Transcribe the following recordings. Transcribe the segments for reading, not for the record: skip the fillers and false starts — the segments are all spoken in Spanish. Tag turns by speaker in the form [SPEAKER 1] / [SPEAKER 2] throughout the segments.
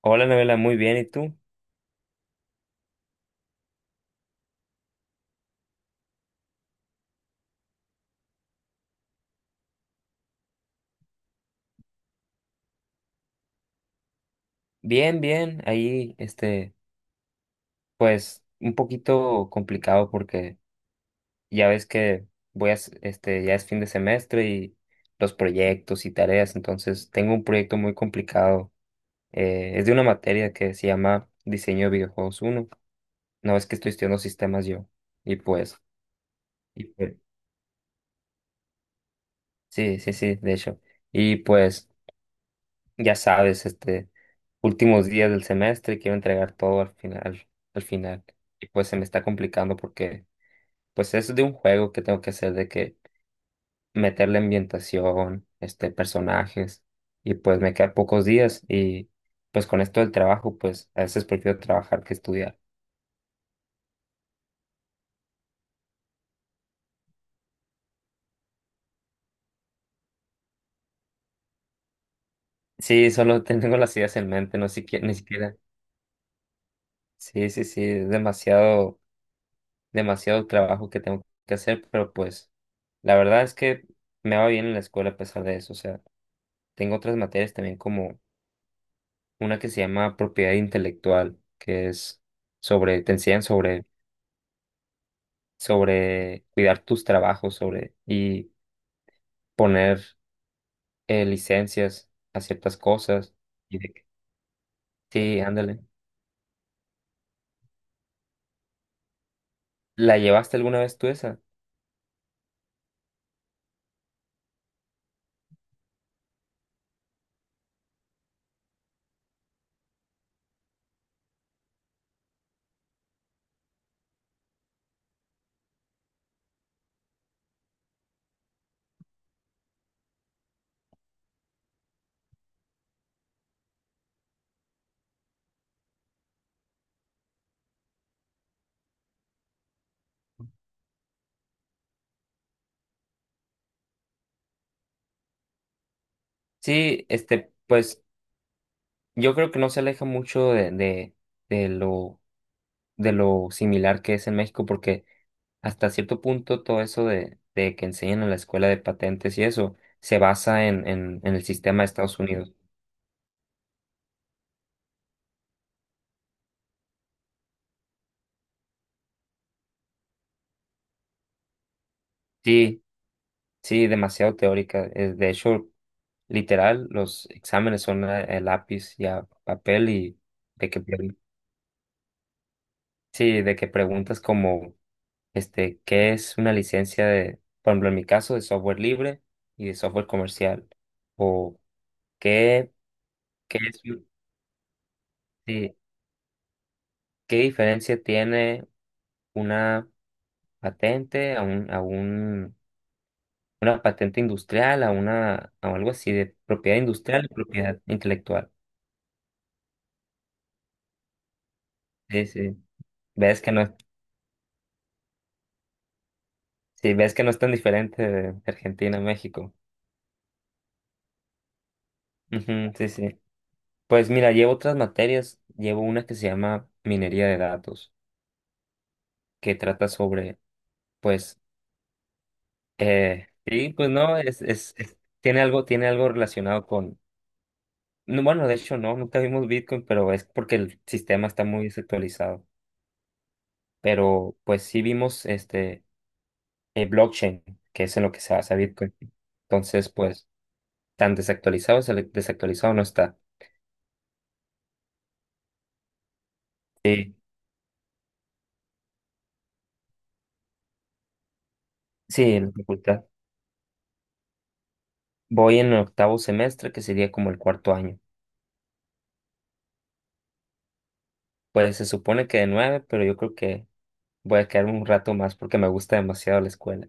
[SPEAKER 1] Hola, novela, muy bien. ¿Y tú? Bien, bien. Ahí, pues, un poquito complicado porque ya ves que voy a, s- este, ya es fin de semestre y los proyectos y tareas. Entonces, tengo un proyecto muy complicado. Es de una materia que se llama Diseño de Videojuegos uno. No, es que estoy estudiando sistemas yo. Y pues, y pues, sí, sí, sí, de hecho. Y pues. Ya sabes, últimos días del semestre, quiero entregar todo al final, al final. Y pues se me está complicando porque, pues es de un juego que tengo que hacer, de que meterle ambientación, personajes, y pues me quedan pocos días y pues con esto del trabajo, pues a veces prefiero trabajar que estudiar. Sí, solo tengo las ideas en mente, ni siquiera. Sí, sí, sí, es demasiado, demasiado trabajo que tengo que hacer, pero pues la verdad es que me va bien en la escuela a pesar de eso, o sea. Tengo otras materias también como una que se llama propiedad intelectual, que es te enseñan sobre cuidar tus trabajos, sobre y poner licencias a ciertas cosas. Y de que- sí, ándale. ¿La llevaste alguna vez tú esa? Sí, pues yo creo que no se aleja mucho de lo, de lo similar que es en México, porque hasta cierto punto todo eso de que enseñan en la escuela de patentes y eso se basa en el sistema de Estados Unidos. Sí, sí, demasiado teórica. De hecho, literal, los exámenes son a lápiz y a papel y de que, pre- sí, de que preguntas como, ¿qué es una licencia de, por ejemplo, en mi caso, de software libre y de software comercial? O, ¿qué, qué es, un- sí, ¿qué diferencia tiene una patente, a un, una patente industrial, a una, a algo así de propiedad industrial y propiedad intelectual? Sí, sí. Ves que no, es- Sí, ves que no es tan diferente de Argentina a México. Ujú, sí, sí. Pues mira, llevo otras materias. Llevo una que se llama minería de datos, que trata sobre, pues, sí, pues no, tiene algo relacionado con, no, bueno, de hecho no, nunca vimos Bitcoin, pero es porque el sistema está muy desactualizado. Pero pues sí vimos blockchain, que es en lo que se basa Bitcoin. Entonces, pues tan desactualizado, se desactualizado no está. Sí, sí, en la facultad. Voy en el octavo semestre, que sería como el cuarto año. Pues se supone que de 9, pero yo creo que voy a quedar un rato más porque me gusta demasiado la escuela.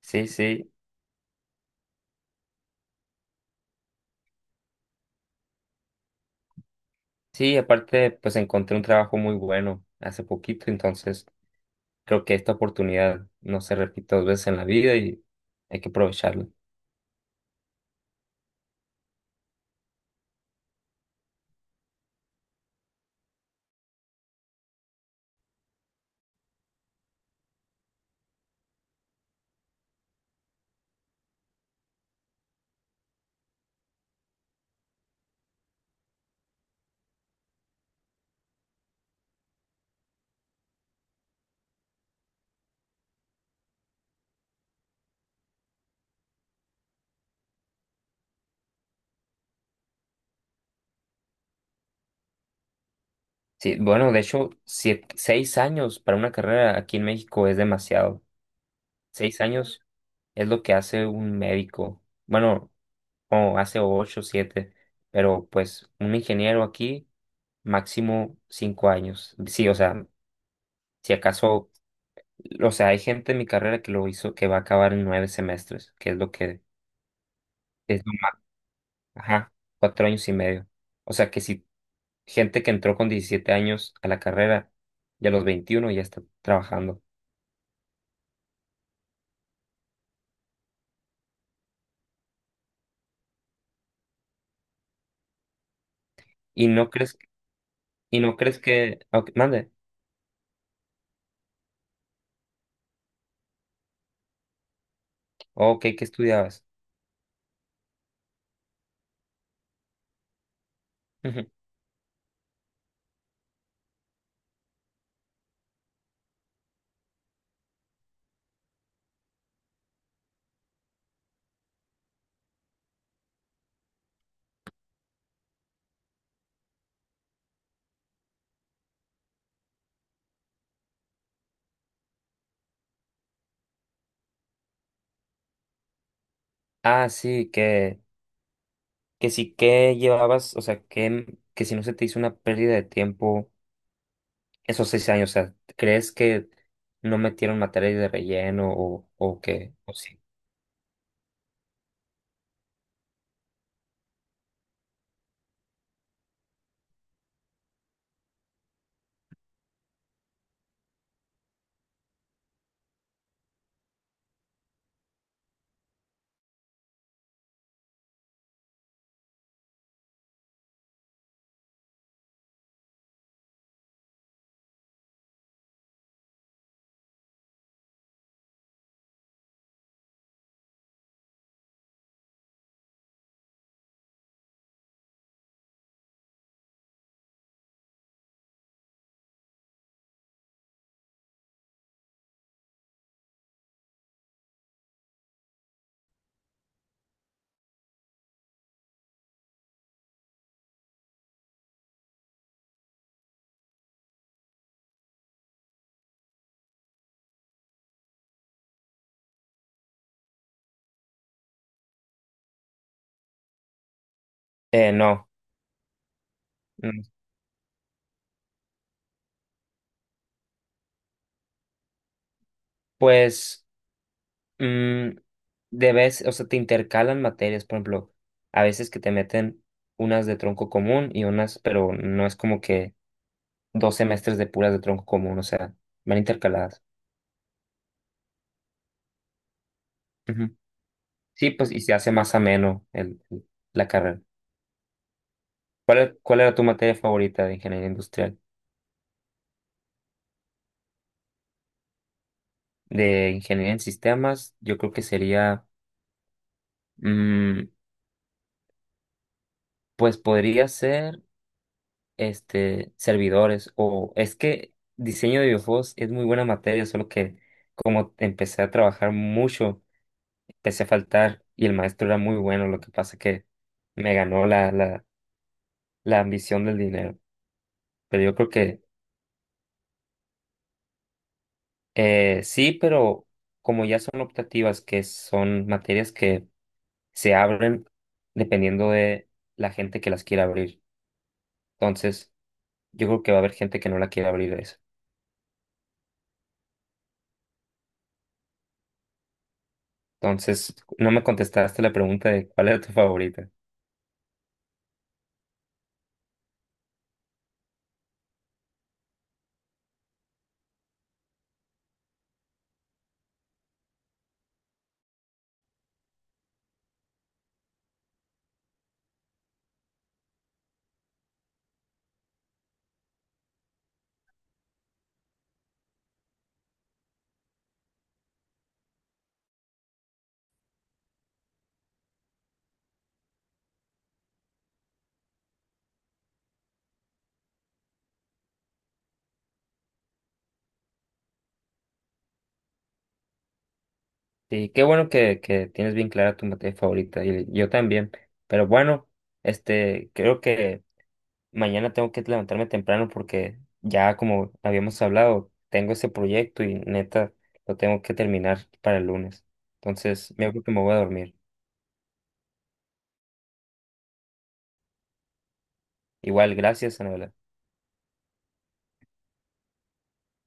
[SPEAKER 1] Sí, sí. Sí, aparte, pues encontré un trabajo muy bueno hace poquito, entonces creo que esta oportunidad no se repite dos veces en la vida y hay que aprovecharla. Sí, bueno, de hecho, 6 años para una carrera aquí en México es demasiado. 6 años es lo que hace un médico. Bueno, o hace ocho, siete, pero pues un ingeniero aquí, máximo 5 años. Sí, o sea, si acaso, o sea, hay gente en mi carrera que lo hizo, que va a acabar en 9 semestres, que es lo más, ajá, 4 años y medio. O sea, que si gente que entró con 17 años a la carrera y a los 21 ya está trabajando. ¿Y no crees? Ah, ok, mande. Oh, ok, ¿qué estudiabas? Ujú. Ah, sí, que, sí que llevabas, o sea, que si no se te hizo una pérdida de tiempo esos 6 años, o sea, ¿crees que no metieron materias de relleno o sí? No. Mm, pues, mm, de vez o sea, te intercalan materias, por ejemplo, a veces que te meten unas de tronco común y unas, pero no es como que 2 semestres de puras de tronco común, o sea, van intercaladas. Sí, pues y se hace más ameno la carrera. ¿Cuál era tu materia favorita de ingeniería industrial? De ingeniería en sistemas, yo creo que sería, mm, pues podría ser, servidores o es que diseño de videojuegos es muy buena materia, solo que como empecé a trabajar mucho, empecé a faltar y el maestro era muy bueno, lo que pasa que me ganó la, la ambición del dinero. Pero yo creo que sí, pero como ya son optativas, que son materias que se abren dependiendo de la gente que las quiera abrir. Entonces, yo creo que va a haber gente que no la quiera abrir eso. Entonces, no me contestaste la pregunta de cuál era tu favorita. Sí, qué bueno que tienes bien clara tu materia favorita. Y yo también. Pero bueno, creo que mañana tengo que levantarme temprano porque ya como habíamos hablado, tengo ese proyecto y neta lo tengo que terminar para el lunes. Entonces, me creo que me voy a dormir. Igual, gracias, Ana